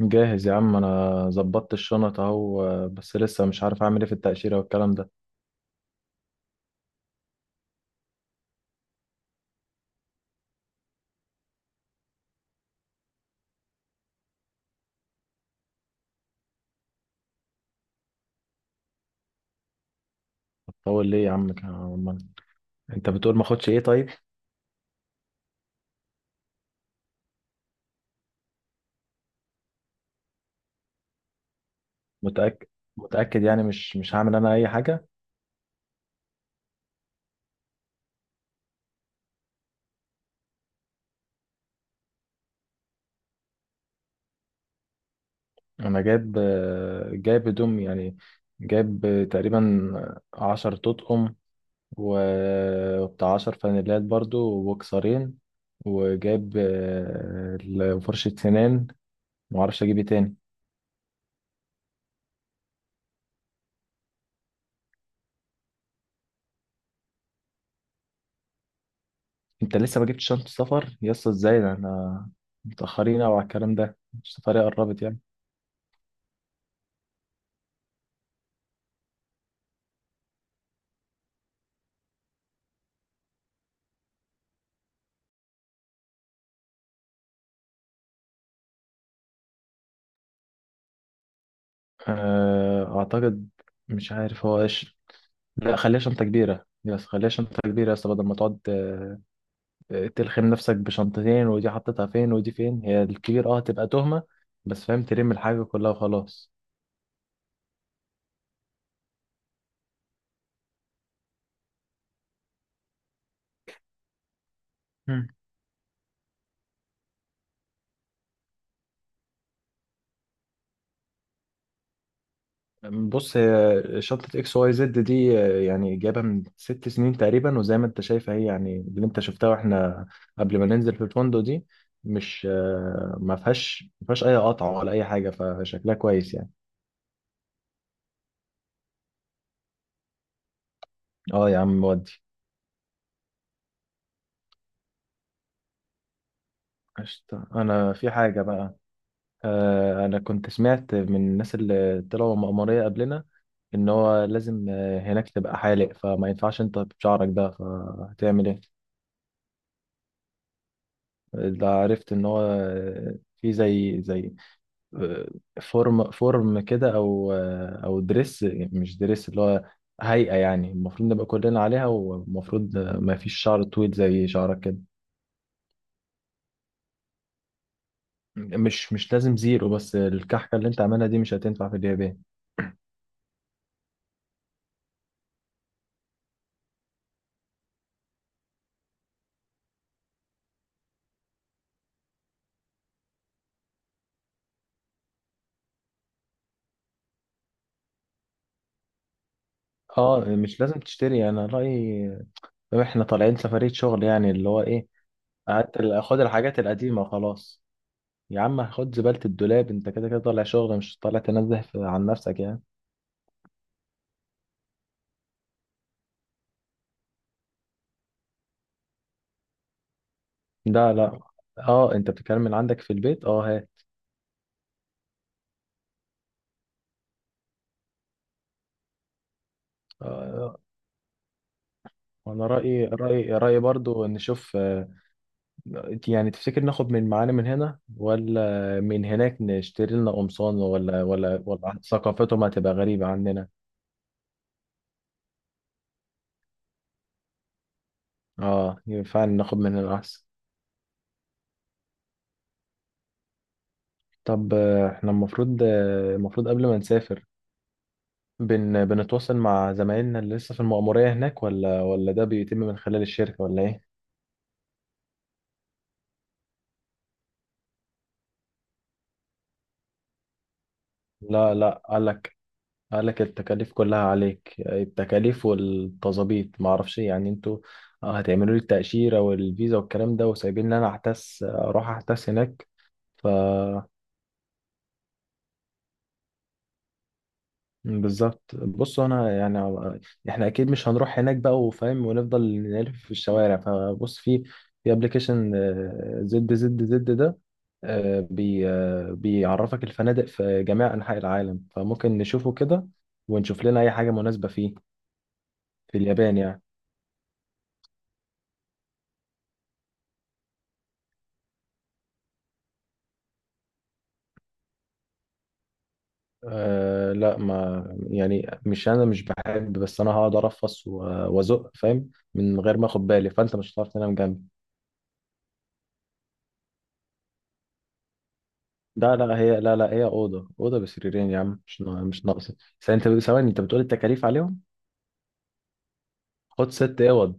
جاهز يا عم، انا ظبطت الشنط اهو، بس لسه مش عارف اعمل ايه في التأشيرة والكلام ده. هتطول ليه يا عم؟ أمال انت بتقول ما اخدش ايه؟ طيب، متأكد؟ متأكد يعني مش هعمل انا اي حاجة؟ انا جايب، جايب هدوم يعني، جايب تقريبا 10 تطقم، وبتاع 10 فانيلات برضو وبوكسرين، وجايب فرشة سنان. معرفش اجيب ايه تاني. انت لسه ما جبتش شنطة سفر يا اسطى؟ ازاي ده؟ انا متأخرين او على الكلام ده، السفرية قربت يعني. اعتقد، مش عارف هو ايش. لا، خليها شنطة كبيرة، يس، خليها شنطة كبيرة يا اسطى، بدل ما تقعد تلخم نفسك بشنطتين، ودي حطيتها فين ودي فين، هي الكبير اه تبقى تهمة، بس فاهم، تلم الحاجة كلها وخلاص. بص، هي شنطة XYZ دي يعني جايبها من 6 سنين تقريبا، وزي ما انت شايف هي يعني اللي انت شفتها واحنا قبل ما ننزل في الفندق دي، مش آه، ما فيهاش اي قطع ولا اي حاجة، فشكلها كويس يعني. اه يا عم، ودي قشطة. انا في حاجة بقى. انا كنت سمعت من الناس اللي طلعوا مأمورية قبلنا ان هو لازم هناك تبقى حالق، فما ينفعش انت بشعرك ده، فهتعمل ايه؟ ده عرفت ان هو في زي فورم كده، او دريس، مش دريس، اللي هو هيئة يعني، المفروض نبقى كلنا عليها، والمفروض ما فيش شعر طويل زي شعرك كده. مش لازم زيرو، بس الكحكة اللي انت عاملها دي مش هتنفع في اليابان. اه مش لازم تشتري، انا رأيي احنا طالعين سفرية شغل، يعني اللي هو ايه، قعدت خد الحاجات القديمة خلاص. يا عم خد زبالة الدولاب، انت كده كده طالع شغل، مش طالع تنزه عن نفسك يعني. لا لا، اه انت بتتكلم من عندك في البيت، اه هات. آه، وانا رايي برضو نشوف. يعني تفتكر ناخد من معانا من هنا ولا من هناك نشتري لنا قمصان، ولا ثقافتهم هتبقى غريبة عننا؟ اه، يبقى فعلا ناخد من هنا احسن. طب احنا المفروض، المفروض قبل ما نسافر بنتواصل مع زمايلنا اللي لسه في المأمورية هناك، ولا ده بيتم من خلال الشركة؟ ولا ايه؟ لا لا، قال لك التكاليف كلها عليك، التكاليف والتظابيط ما اعرفش إيه، يعني انتوا هتعملوا لي التأشيرة والفيزا والكلام ده، وسايبين لي انا احتس اروح احتس هناك. ف بالظبط، بص انا يعني احنا اكيد مش هنروح هناك بقى وفاهم ونفضل نلف في الشوارع، فبص، في ابلكيشن ZZZ ده آه، بي آه، بيعرفك الفنادق في جميع انحاء العالم، فممكن نشوفه كده ونشوف لنا اي حاجة مناسبة فيه في اليابان يعني. أه لا، ما يعني مش انا مش بحب، بس انا هقعد ارفص وازق فاهم من غير ما اخد بالي، فانت مش هتعرف تنام جنبي. لا لا، هي اوضه بسريرين يا عم، مش ناقصه. بس انت ثواني، انت بتقول التكاليف عليهم، خد 6 اوض.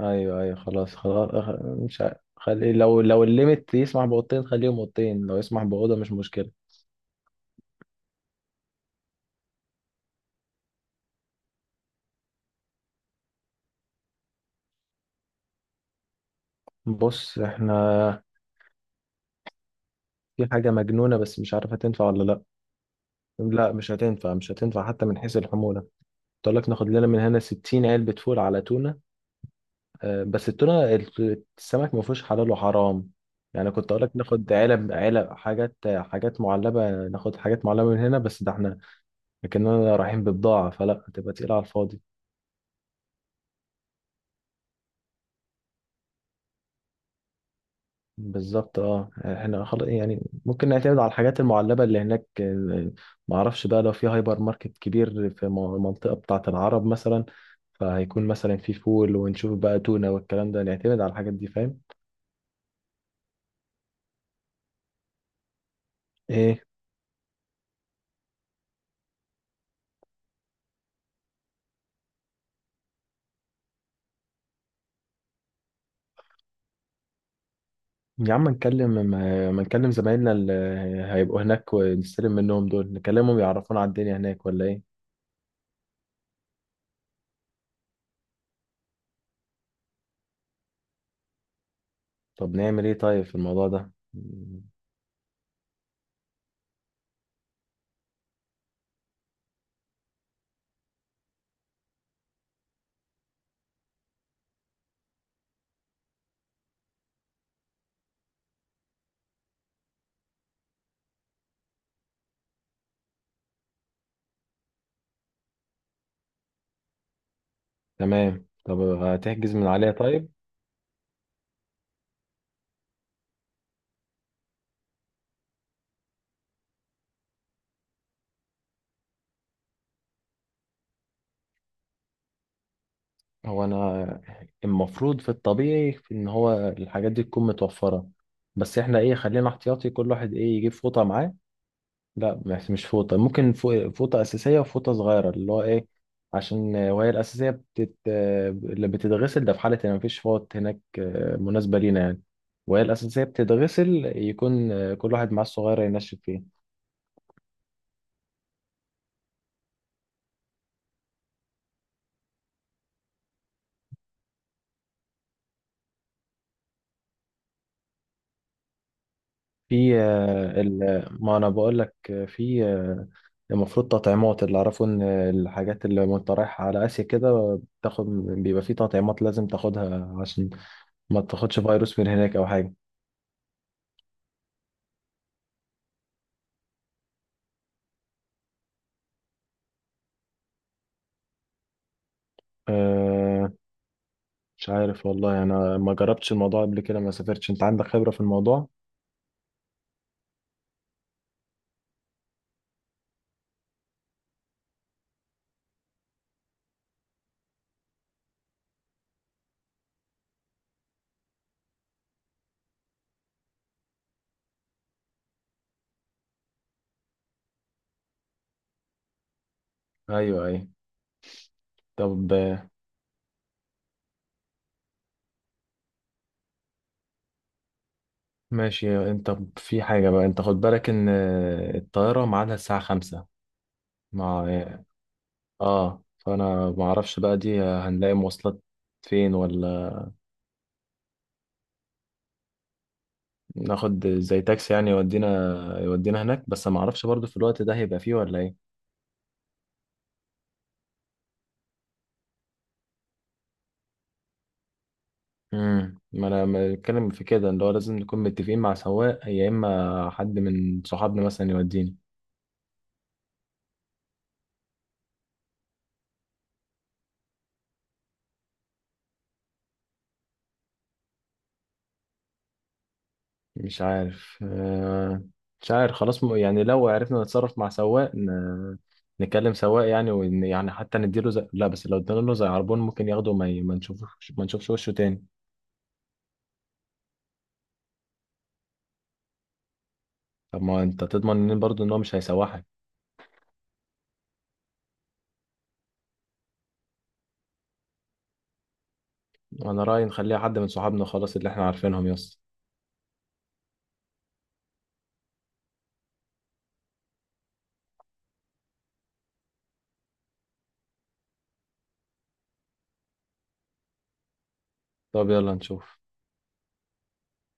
ايوه ايوه، خلاص خلاص، مش عارف. خلي لو، الليمت يسمح باوضتين خليهم اوضتين، لو يسمح باوضه مش مشكله. بص احنا في حاجه مجنونه بس مش عارفه تنفع ولا لا. لا، مش هتنفع، مش هتنفع حتى من حيث الحمولة. قلت لك ناخد لنا من هنا 60 علبة فول على تونة، بس التونة السمك ما فيهوش حلال وحرام، يعني كنت اقول لك ناخد علب حاجات معلبة، ناخد حاجات معلبة من هنا، بس ده احنا كأننا رايحين ببضاعة، فلا هتبقى تقيلة على الفاضي. بالظبط، اه احنا خلاص يعني ممكن نعتمد على الحاجات المعلبة اللي هناك. ما اعرفش بقى، لو في هايبر ماركت كبير في المنطقة بتاعة العرب مثلا فهيكون مثلا في فول، ونشوف بقى تونة والكلام ده، نعتمد على الحاجات دي فاهم. ايه يا عم، نكلم ما نكلم زمايلنا اللي هيبقوا هناك، ونستلم منهم دول، نكلمهم يعرفونا على الدنيا هناك، ولا ايه؟ طب نعمل ايه طيب في الموضوع ده؟ تمام، طب هتحجز من عليها طيب. هو انا المفروض في الطبيعي، في ان هو الحاجات دي تكون متوفرة، بس احنا ايه، خلينا احتياطي، كل واحد ايه يجيب فوطة معاه. لا، مش فوطة، ممكن فوطة أساسية وفوطة صغيرة اللي هو إيه، عشان وهي الأساسية بتت... آه، اللي بتتغسل، ده في حالة إن مفيش فوط هناك مناسبة لينا يعني، وهي الأساسية بتتغسل يكون كل واحد معاه الصغيرة ينشف فيه. في ما أنا بقول لك، آه، في آه، المفروض تطعيمات، اللي أعرفه إن الحاجات اللي وأنت رايح على آسيا كده بتاخد، بيبقى في تطعيمات لازم تاخدها عشان ما تاخدش فيروس من هناك أو حاجة. آه، مش عارف والله، انا ما جربتش الموضوع قبل كده، ما سافرتش، انت عندك خبرة في الموضوع. ايوه ايوه، طب ماشي. انت في حاجة بقى، انت خد بالك ان الطيارة ميعادها الساعة 5 مع اه، فانا ما اعرفش بقى دي هنلاقي مواصلات فين ولا، ناخد زي تاكسي يعني يودينا، هناك بس ما اعرفش برضو في الوقت ده هيبقى فيه ولا ايه. ما انا ما بتكلم في كده، اللي هو لازم نكون متفقين مع سواق، يا اما حد من صحابنا مثلا يوديني. مش عارف، خلاص، يعني لو عرفنا نتصرف مع سواق، نكلم سواق يعني يعني حتى نديله زي... لا بس لو ادينا له زي عربون ممكن ياخده، وما ما نشوفش وشه تاني. طب ما انت تضمن ان برضه ان هو مش هيسوحك؟ انا رأيي نخليها حد من صحابنا خلاص اللي احنا عارفينهم، يس. طب يلا نشوف.